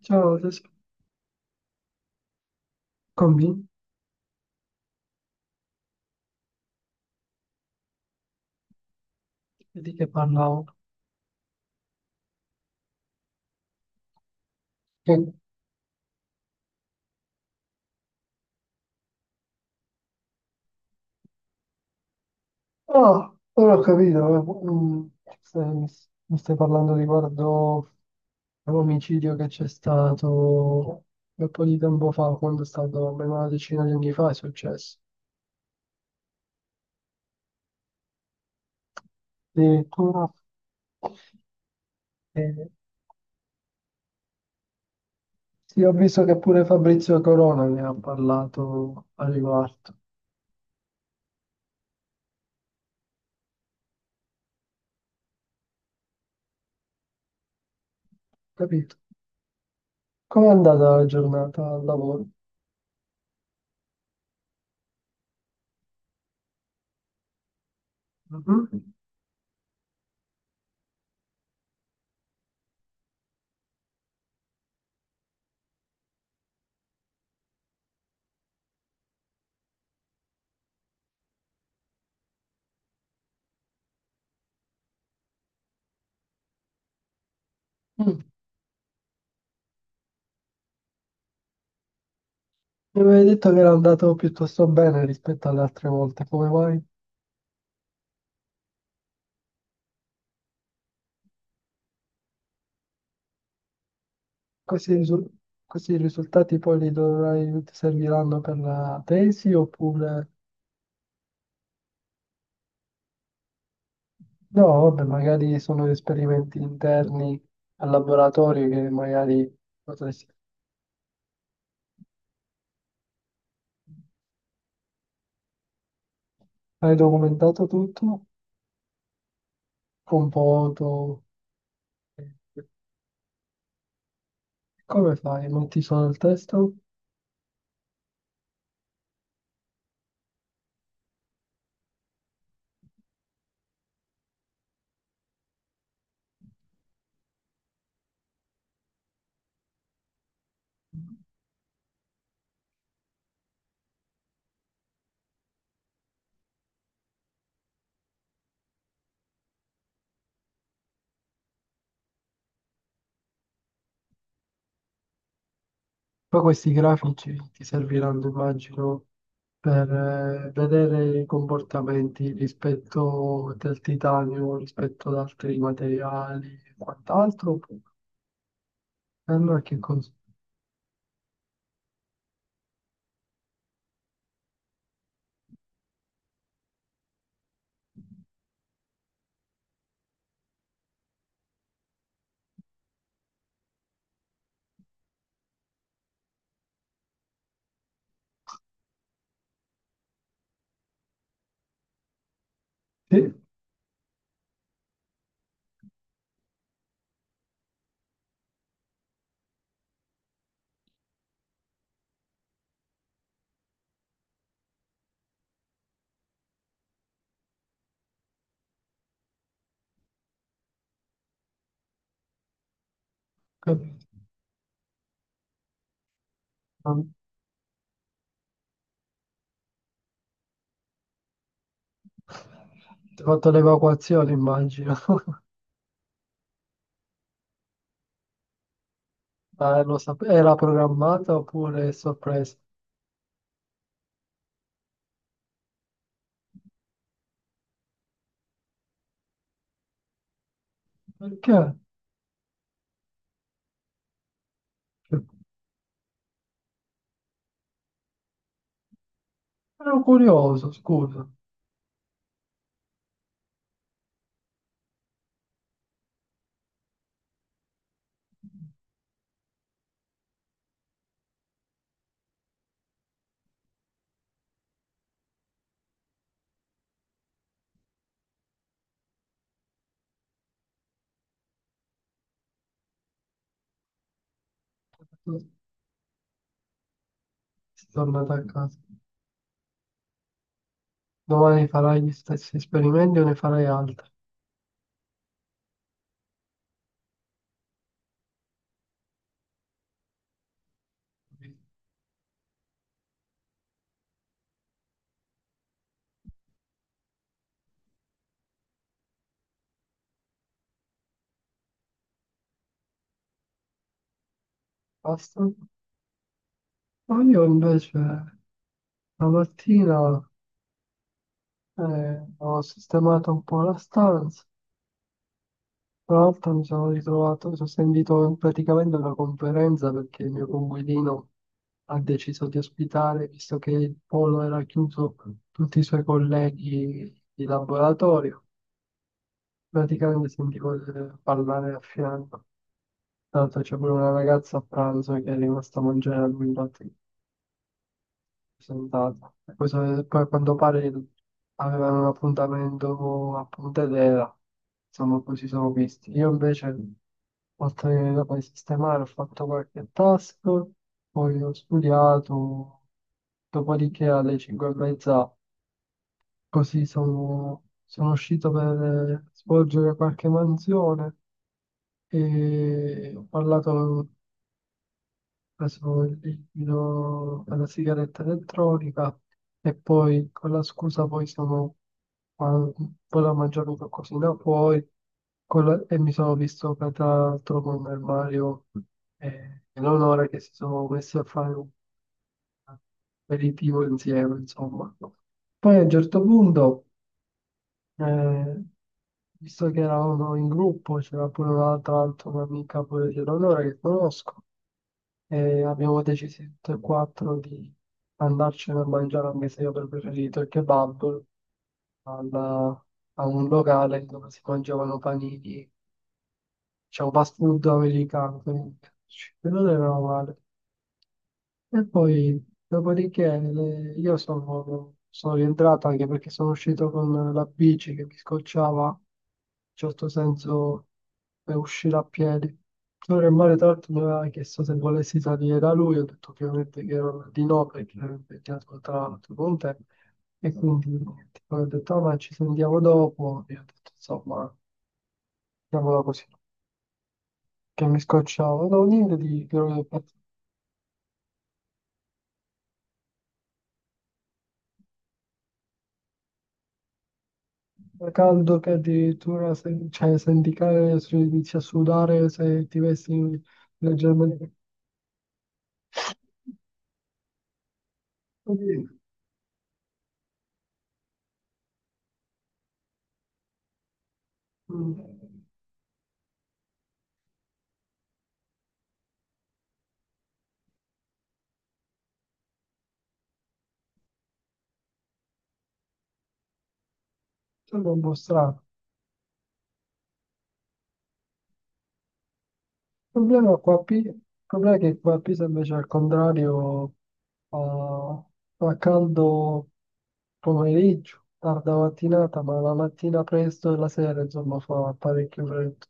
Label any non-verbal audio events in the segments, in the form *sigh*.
Ciao, adesso cominci e di che parlavo. Che- Ah, ora ho capito, stai- mi stai parlando riguardo l'omicidio che c'è stato un po' di tempo fa, quando è stato almeno una decina di anni fa, è successo. Addirittura, eh, sì, ho visto che pure Fabrizio Corona ne ha parlato a riguardo, capito? Com'è andata la giornata al lavoro? Mhm. Mm. Mi avevi detto che era andato piuttosto bene rispetto alle altre volte, come mai? Questi, risu- Questi risultati poi li dovrai, ti serviranno per la tesi oppure no, vabbè, magari sono esperimenti interni al laboratorio che magari potresti. Hai documentato tutto con foto? Come fai? Non ti sono il testo? Poi questi grafici ti serviranno, immagino, per vedere i comportamenti rispetto del titanio, rispetto ad altri materiali e quant'altro. E allora che cosa? Sì, capito. Ah, ti ho fatto l'evacuazione, immagino. *laughs* Ma lo era programmata oppure è sorpresa? Perché? Ero curioso, scusa. Sei tornata a casa. Domani farai gli stessi esperimenti o ne farai altri? Basta. Ma io invece la mattina, ho sistemato un po' la stanza. Tra l'altro mi sono ritrovato, sono sentito praticamente una conferenza perché il mio coinquilino ha deciso di ospitare, visto che il polo era chiuso, tutti i suoi colleghi di laboratorio. Praticamente sentivo parlare a fianco. Tra l'altro c'è pure una ragazza a pranzo che è rimasta a mangiare a lui, infatti sentato. Poi, poi a quanto pare avevano un appuntamento a Pontedera, insomma, poi ci sono visti. Io invece, oltre che dopo di sistemare, ho fatto qualche task, poi ho studiato, dopodiché alle 5 e mezza, così sono uscito per svolgere qualche mansione e ho parlato preso il liquido per la sigaretta elettronica e poi con la scusa poi sono ma- volevo mangiarmi qualcosina poi e mi sono visto che tra l'altro con il Mario e l'Onora che si sono messi a fare un aperitivo insieme insomma poi a un certo punto eh, visto che eravamo in gruppo, c'era pure un'altra altra mia amica pure di Eleonora che conosco, e abbiamo deciso tutti e quattro di andarcene a mangiare, anche se io avrei preferito il kebab, al- a un locale dove si mangiavano panini, c'è un fast food americano, quindi quello non era male. E poi, dopodiché, io sono rientrato anche perché sono uscito con la bici che mi scocciava, in certo senso, per uscire a piedi. Allora, il mare, tra l'altro, mi aveva chiesto se volessi salire da lui, ho detto ovviamente che ero di no perché ero impegnato tra l'altro con te, e quindi niente. Poi ho detto, "Ah, ma ci sentiamo dopo", e ho detto, insomma, chiamola così, che mi scocciava, no, niente di. Fa caldo che addirittura se, cioè, senti che se inizi a sudare se ti vesti leggermente. Quindi, mm, sembra un po' strano. Il problema, qua, il problema è che qua a Pisa invece al contrario fa, fa caldo pomeriggio, tarda mattinata, ma la mattina presto e la sera insomma fa parecchio freddo.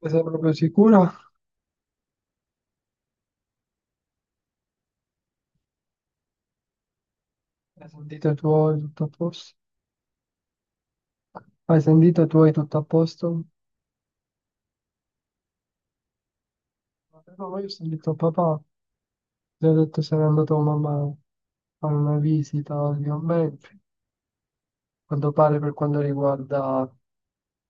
Ti sei proprio sicura? Hai sentito i tuoi tutto a posto? Hai sentito i tuoi tutto a posto? No, io ho sentito papà. Ti ho detto sarei andato con mamma a fare una visita di commenti, a quanto pare per quanto riguarda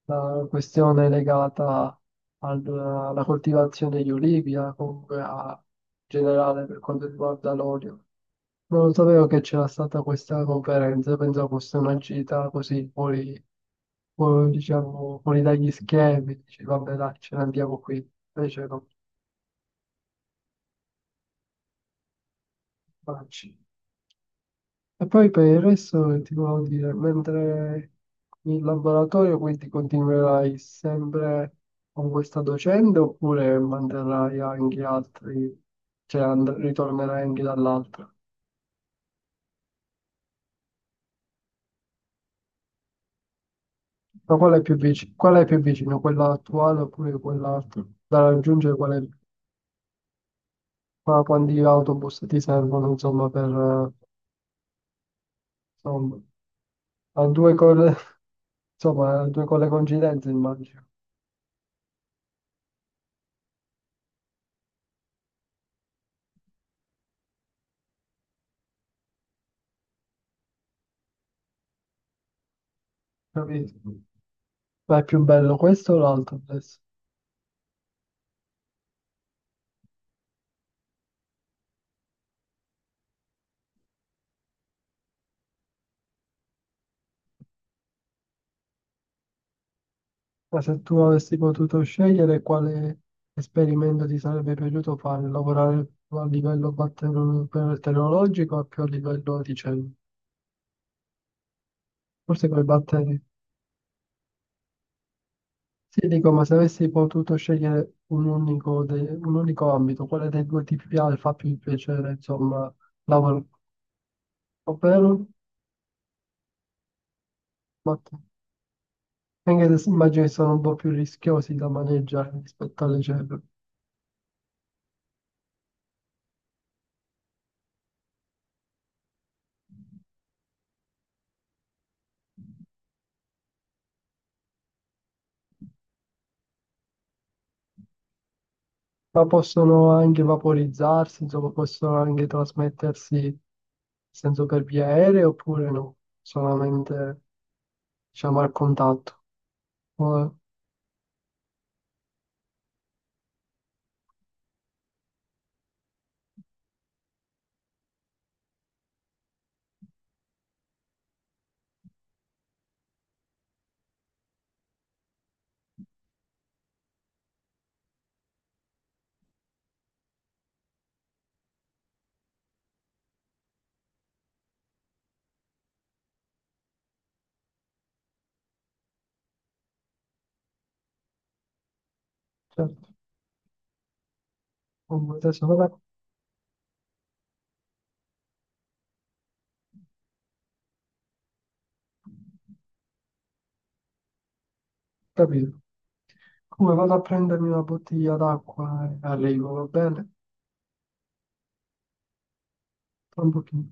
la questione legata alla coltivazione degli olivi, comunque a, in generale per quanto riguarda l'olio. Non sapevo che c'era stata questa conferenza, pensavo fosse una gita così fuori, diciamo, fuori dagli schemi, dici vabbè dai, ce ne andiamo qui, invece no, vacci. E poi per il resto ti volevo dire, mentre in laboratorio quindi continuerai sempre con questa docente oppure manterrai anche altri, cioè ritornerai anche dall'altra? Ma qual è più vicino? Qual è più vicino? Quella attuale oppure quell'altra? Da raggiungere quanti autobus ti servono, insomma, per insomma, a due cose, *laughs* insomma, a due con le coincidenze immagino, capito? Ma è più bello questo o l'altro adesso? Ma se tu avessi potuto scegliere quale esperimento ti sarebbe piaciuto fare, lavorare più a livello batteriologico o più a livello di cellule? Forse con i batteri. Sì, dico, ma se avessi potuto scegliere un unico ambito, quale dei due ti piace, fa più piacere, insomma, lavorare? Ovvero, batteri. Anche se immagino che sono un po' più rischiosi da maneggiare rispetto alle cellule. Ma possono anche vaporizzarsi, insomma, possono anche trasmettersi in senso per via aerea oppure no, solamente diciamo al contatto. Ora, certo, comunque adesso vado a capire. Come vado a prendermi una bottiglia d'acqua e arrivo, va bene? Tra un pochino.